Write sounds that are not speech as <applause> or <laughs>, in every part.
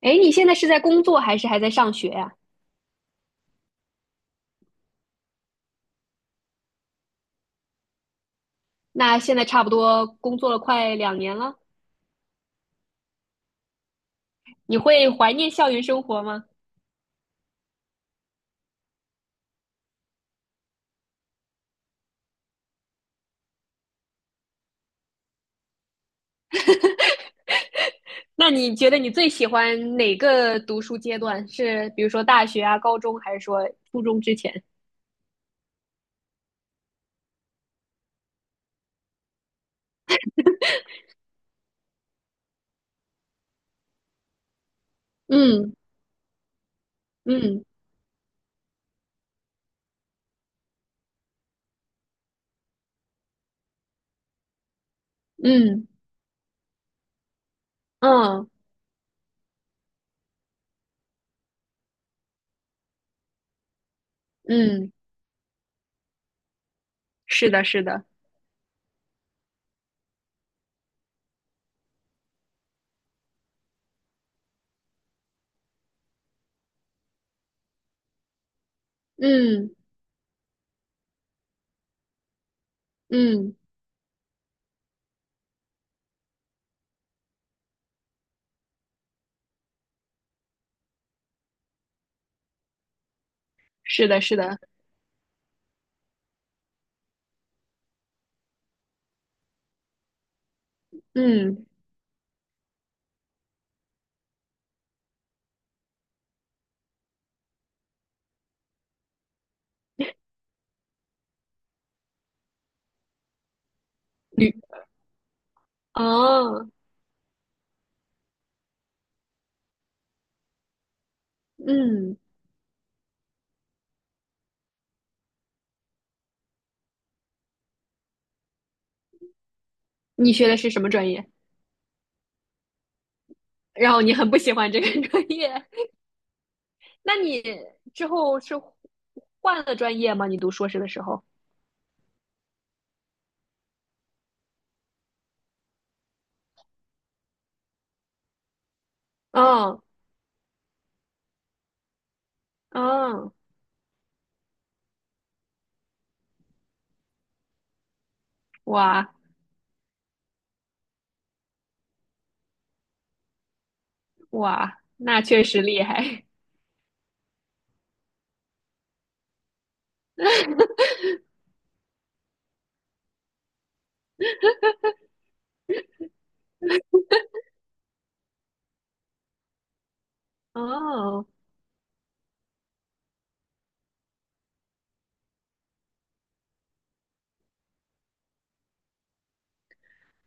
哎，你现在是在工作还是还在上学呀？那现在差不多工作了快两年了，你会怀念校园生活吗？那你觉得你最喜欢哪个读书阶段？是比如说大学啊、高中，还是说初中之前？嗯，嗯，嗯，嗯，嗯，是的，是的。嗯，嗯，是的，是的。嗯。旅啊。嗯，你学的是什么专业？然后你很不喜欢这个 <laughs> 专业。那你之后是换了专业吗？你读硕士的时候？嗯，嗯。哇，哇，那确实厉害。哦，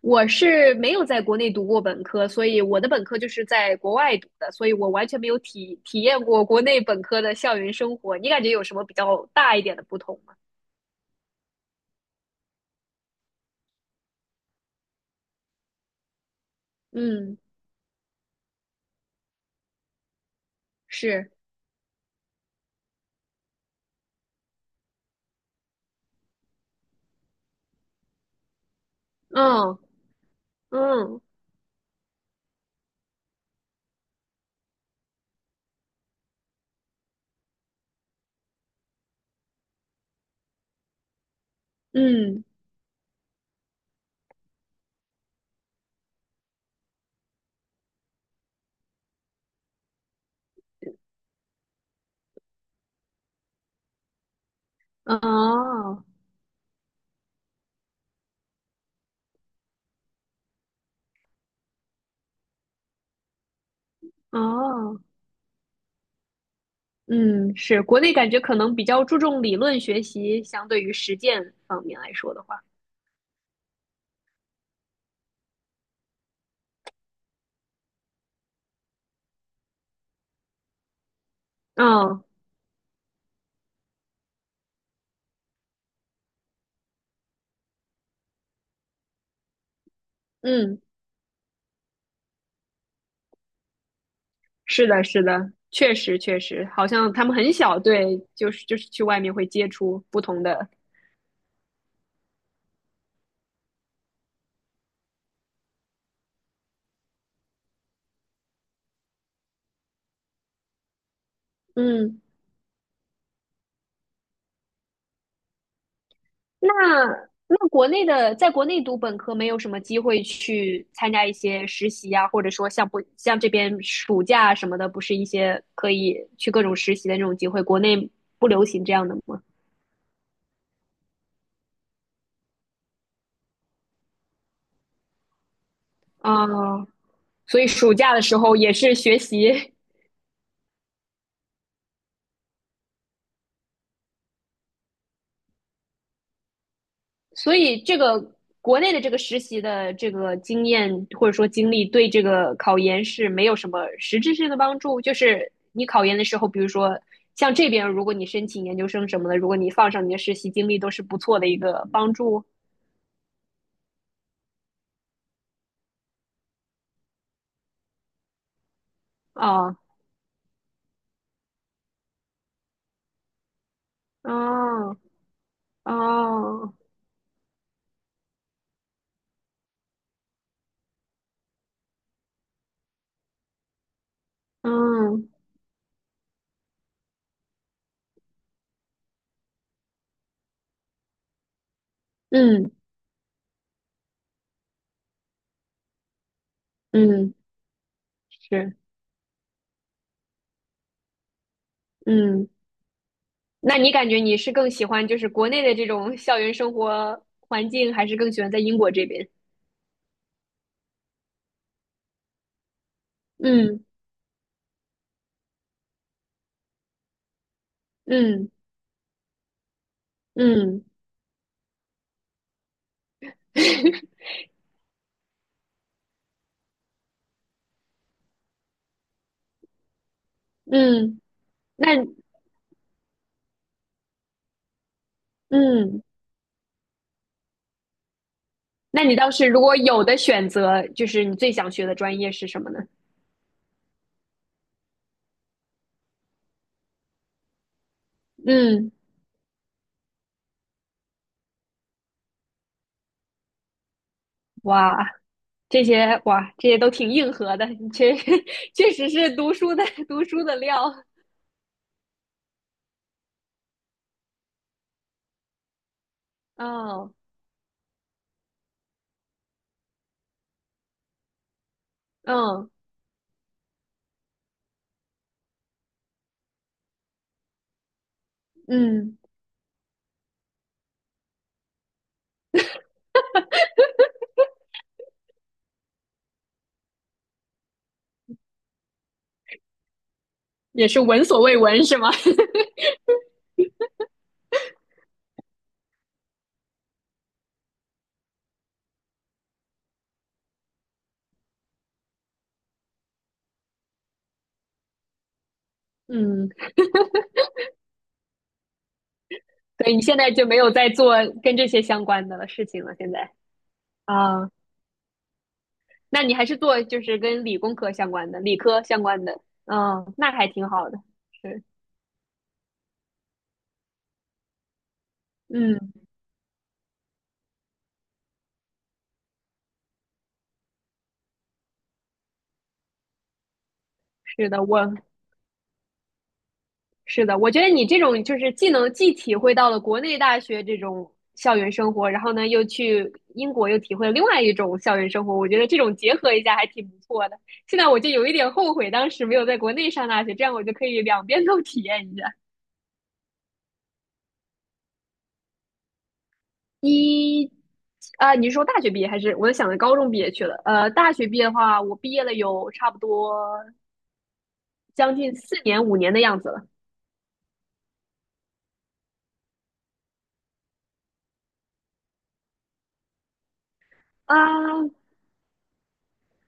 我是没有在国内读过本科，所以我的本科就是在国外读的，所以我完全没有体验过国内本科的校园生活。你感觉有什么比较大一点的不同吗？嗯，是。嗯，嗯，嗯。哦，哦。嗯，是，国内感觉可能比较注重理论学习，相对于实践方面来说的话。嗯，嗯，是的，是的，确实确实，好像他们很小，对，就是去外面会接触不同的。嗯，那那国内的，在国内读本科没有什么机会去参加一些实习啊，或者说像不像这边暑假什么的，不是一些可以去各种实习的那种机会，国内不流行这样的吗？啊。所以暑假的时候也是学习？所以这个国内的这个实习的这个经验或者说经历，对这个考研是没有什么实质性的帮助。就是你考研的时候，比如说像这边，如果你申请研究生什么的，如果你放上你的实习经历，都是不错的一个帮助啊。哦，哦。嗯，嗯，嗯。是。嗯。那你感觉你是更喜欢就是国内的这种校园生活环境，还是更喜欢在英国这边？嗯，嗯，嗯， <laughs> 嗯。那嗯，那你倒是如果有的选择，就是你最想学的专业是什么呢？嗯。哇，这些哇，这些都挺硬核的。<laughs> 确实是读书的料。哦。嗯，嗯，也是闻所未闻是吗？<laughs> 嗯，所以你现在就没有在做跟这些相关的事情了，现在啊。那你还是做就是跟理工科相关的、理科相关的。嗯，那还挺好的。是。嗯。是的，我是的，我觉得你这种就是既能既体会到了国内大学这种校园生活，然后呢又去英国又体会了另外一种校园生活，我觉得这种结合一下还挺不错的。现在我就有一点后悔当时没有在国内上大学，这样我就可以两边都体验一下。一啊，你是说大学毕业还是我想着高中毕业去了？呃，大学毕业的话，我毕业了有差不多将近四年五年的样子了。啊。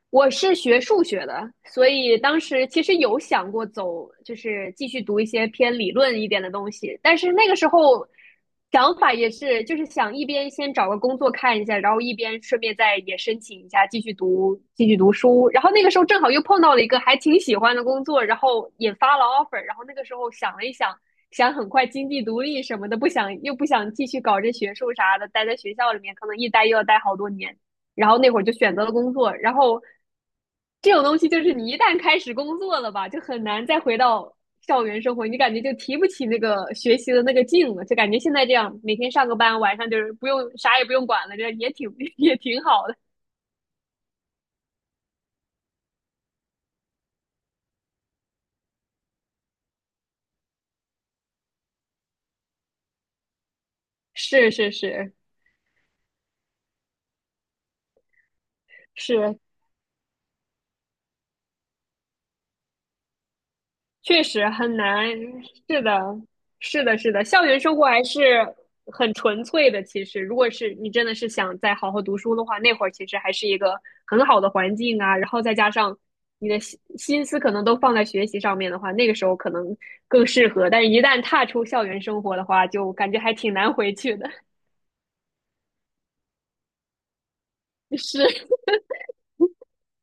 我是学数学的，所以当时其实有想过走，就是继续读一些偏理论一点的东西。但是那个时候想法也是，就是想一边先找个工作看一下，然后一边顺便再也申请一下继续读书。然后那个时候正好又碰到了一个还挺喜欢的工作，然后也发了 offer。然后那个时候想了一想，想很快经济独立什么的，不想继续搞这学术啥的，待在学校里面可能一待又要待好多年。然后那会儿就选择了工作，然后这种东西就是你一旦开始工作了吧，就很难再回到校园生活，你感觉就提不起那个学习的那个劲了，就感觉现在这样每天上个班，晚上就是不用啥也不用管了，这也挺 <laughs> 也挺好的。是是是是，确实很难。是的。是的，是的，校园生活还是很纯粹的。其实，如果是你真的是想再好好读书的话，那会儿其实还是一个很好的环境啊。然后再加上你的心思可能都放在学习上面的话，那个时候可能更适合。但是，一旦踏出校园生活的话，就感觉还挺难回去的。<laughs> 是，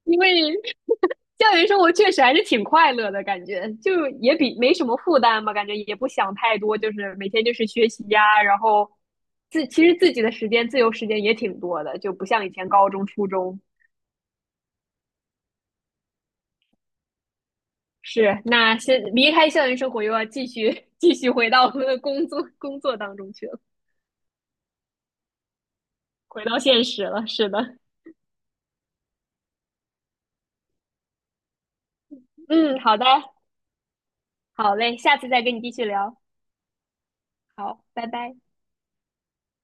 因为校园 <laughs> 生活确实还是挺快乐的感觉，就也比没什么负担吧，感觉也不想太多，就是每天就是学习呀，然后其实自由时间也挺多的，就不像以前高中、初中。是，那先离开校园生活，又要继续 <laughs> 继续回到我们的工作当中去了。回到现实了。是的。嗯，好的，好嘞，下次再跟你继续聊。好，拜拜。